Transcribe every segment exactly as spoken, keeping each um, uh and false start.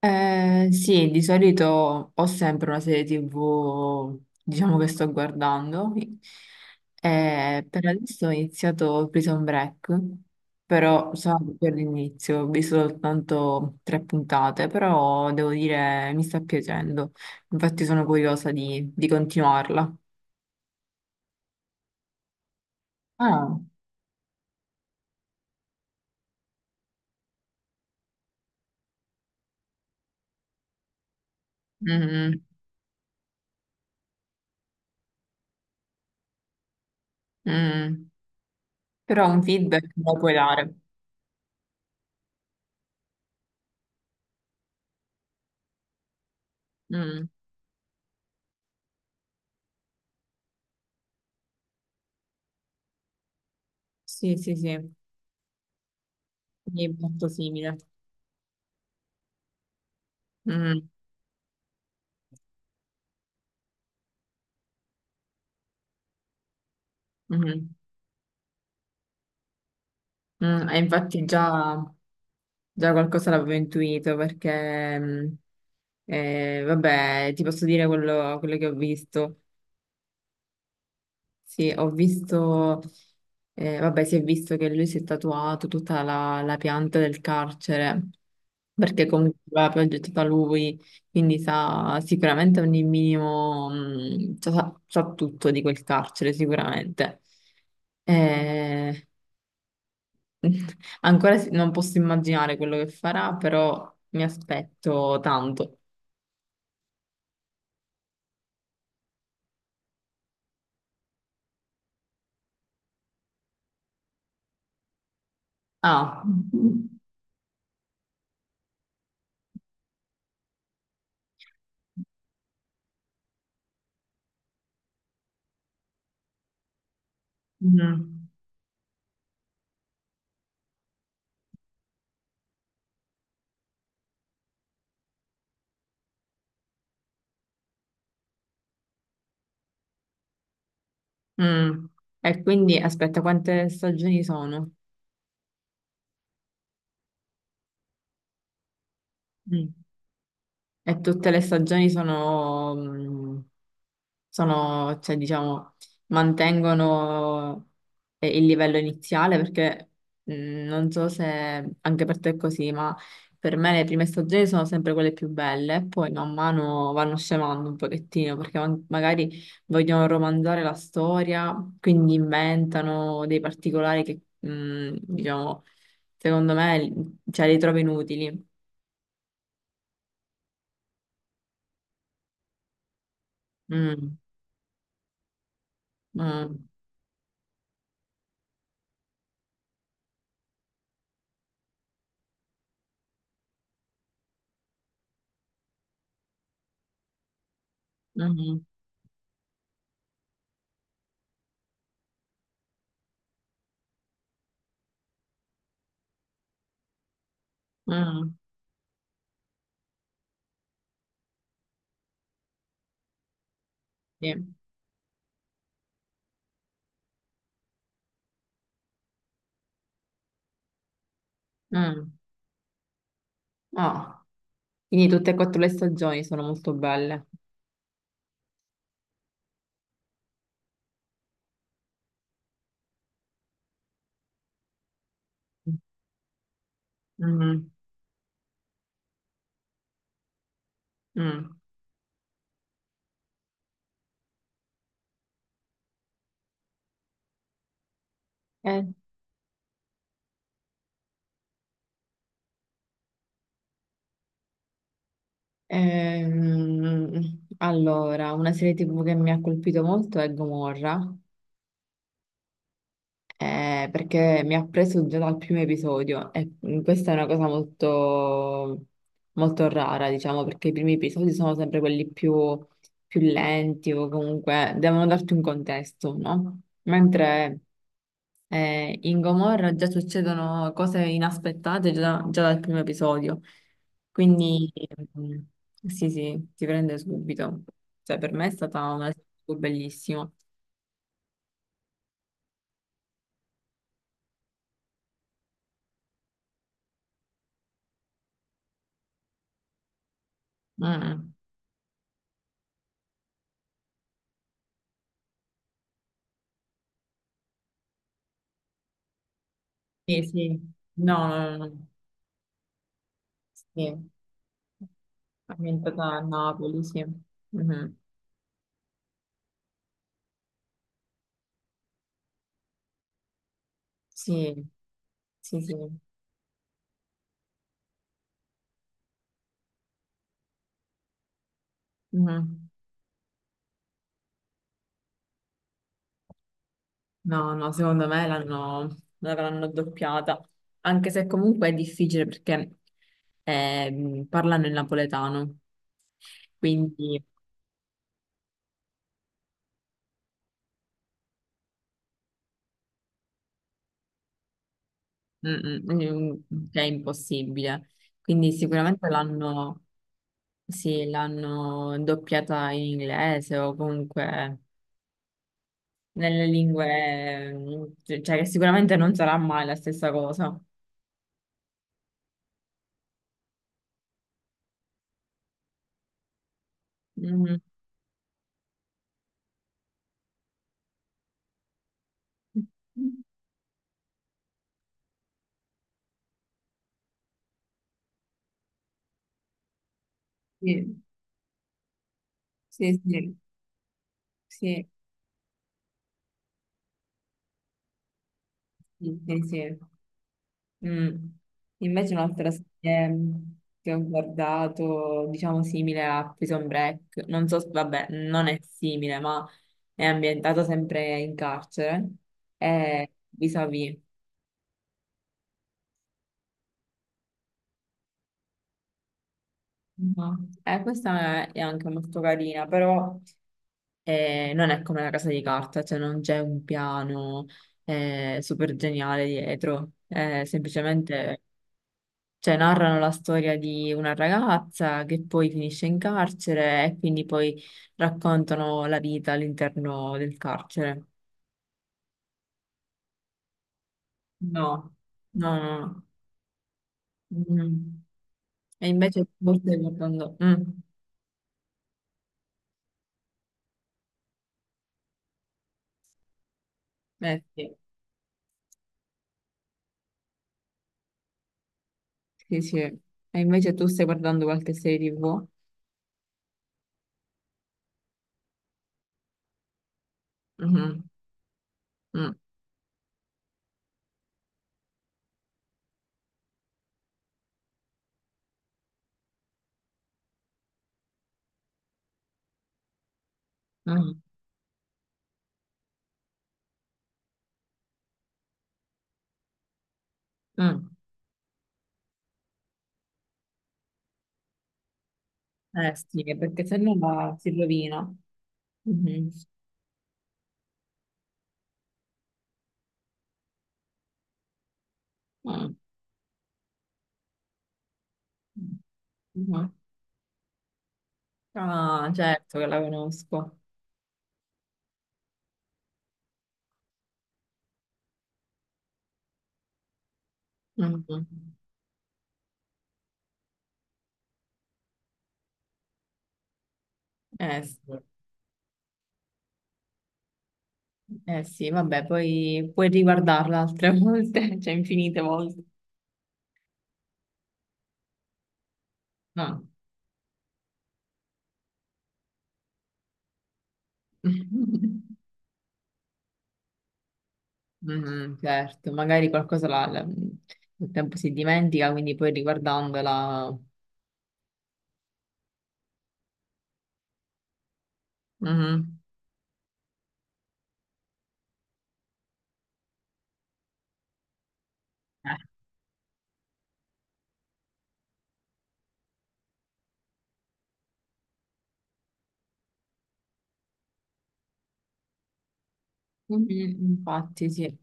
Eh, sì, di solito ho sempre una serie ti vu, diciamo, che sto guardando. Eh, per adesso ho iniziato Prison Break, però sono per l'inizio, ho visto soltanto tre puntate, però devo dire mi sta piacendo. Infatti sono curiosa di, di continuarla. Ah, mm, mm. Però un feedback me lo puoi dare. Mm. Sì, sì, sì, mi è molto simile. Mm, mm. Mm, e infatti già, già qualcosa l'avevo intuito perché, mm, eh, vabbè, ti posso dire quello, quello che ho visto. Sì, ho visto, eh, vabbè, si è visto che lui si è tatuato tutta la, la pianta del carcere perché comunque l'ha progettata lui, quindi sa sicuramente ogni minimo, mm, sa, sa tutto di quel carcere, sicuramente. Eh, Ancora si- non posso immaginare quello che farà, però mi aspetto tanto. Ah. Mm. Mm. E quindi aspetta, quante stagioni sono? Mm. E tutte le stagioni sono, mh, sono, cioè, diciamo, mantengono eh, il livello iniziale perché mh, non so se anche per te è così, ma per me le prime stagioni sono sempre quelle più belle, e poi man mano vanno scemando un pochettino perché man- magari vogliono romanzare la storia, quindi inventano dei particolari che, mh, diciamo, secondo me, cioè, li trovo inutili. Mm, mm, mhm. Mm, sì. Mm. Ah, quindi tutte e quattro le stagioni sono molto belle. Mm, mm. Eh, ehm, allora, una serie ti vu che mi ha colpito molto è Gomorra, eh, perché mi ha preso già dal primo episodio e mm, questa è una cosa molto, molto rara, diciamo, perché i primi episodi sono sempre quelli più, più lenti o comunque devono darti un contesto, no? Mentre... Eh, in Gomorra già succedono cose inaspettate già, già dal primo episodio, quindi mm, sì, sì, ti prende subito. Cioè, per me è stata una serie bellissima. Mm. Sì, sì, no, no, no, no. Sì, ambientata a Napoli, sì. Mhm. Sì, sì, sì. Mhm. No, no, secondo me l'hanno l'avranno doppiata, anche se comunque è difficile perché eh, parlano il napoletano, quindi mm, mm, mm, è impossibile. Quindi sicuramente l'hanno sì, l'hanno doppiata in inglese o comunque nelle lingue, mm, cioè che sicuramente non sarà mai la stessa cosa. Mhm. Sì, sì, sì, sì, sì, sì. Mm. Invece un'altra serie che ho guardato, diciamo simile a Prison Break, non so, se- vabbè, non è simile, ma è ambientata sempre in carcere, è Vis-à-Vis. Mhm. Eh, questa è anche molto carina, però eh, non è come la casa di carta, cioè non c'è un piano eh, super geniale dietro, è semplicemente cioè narrano la storia di una ragazza che poi finisce in carcere e quindi poi raccontano la vita all'interno del carcere. No. No, no, no. Mm. E invece tu stai guardando... Mm. Eh, sì, sì, sì. E invece tu stai guardando qualche serie ti vu? Mhm. Mm. Mm. Mm. Eh sì, perché se no la- si rovina. Mhm. Mm. Mhm. Ah, certo che la conosco. Mhm. Eh, s- eh sì, vabbè, poi puoi riguardarla altre volte, cioè infinite volte. No. Mhm, certo, magari qualcosa la- la- nel tempo si dimentica, quindi poi riguardandola... Mhm. Eh, mhm, Infatti, sì.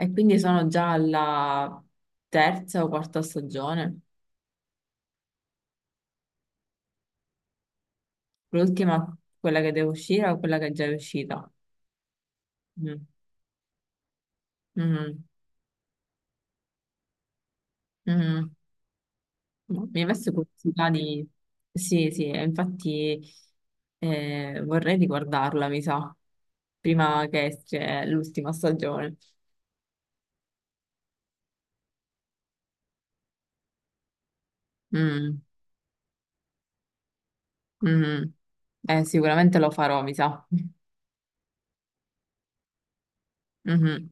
E quindi sono già alla terza o quarta stagione. L'ultima, quella che devo uscire o quella che è già uscita? Mm. Mhm, mhm. No, mi ha messo curiosità di... Sì, sì, e infatti eh, vorrei riguardarla, mi sa, prima che esce l'ultima stagione. Mm, mhm. Eh, sicuramente lo farò, mi sa. Mhm.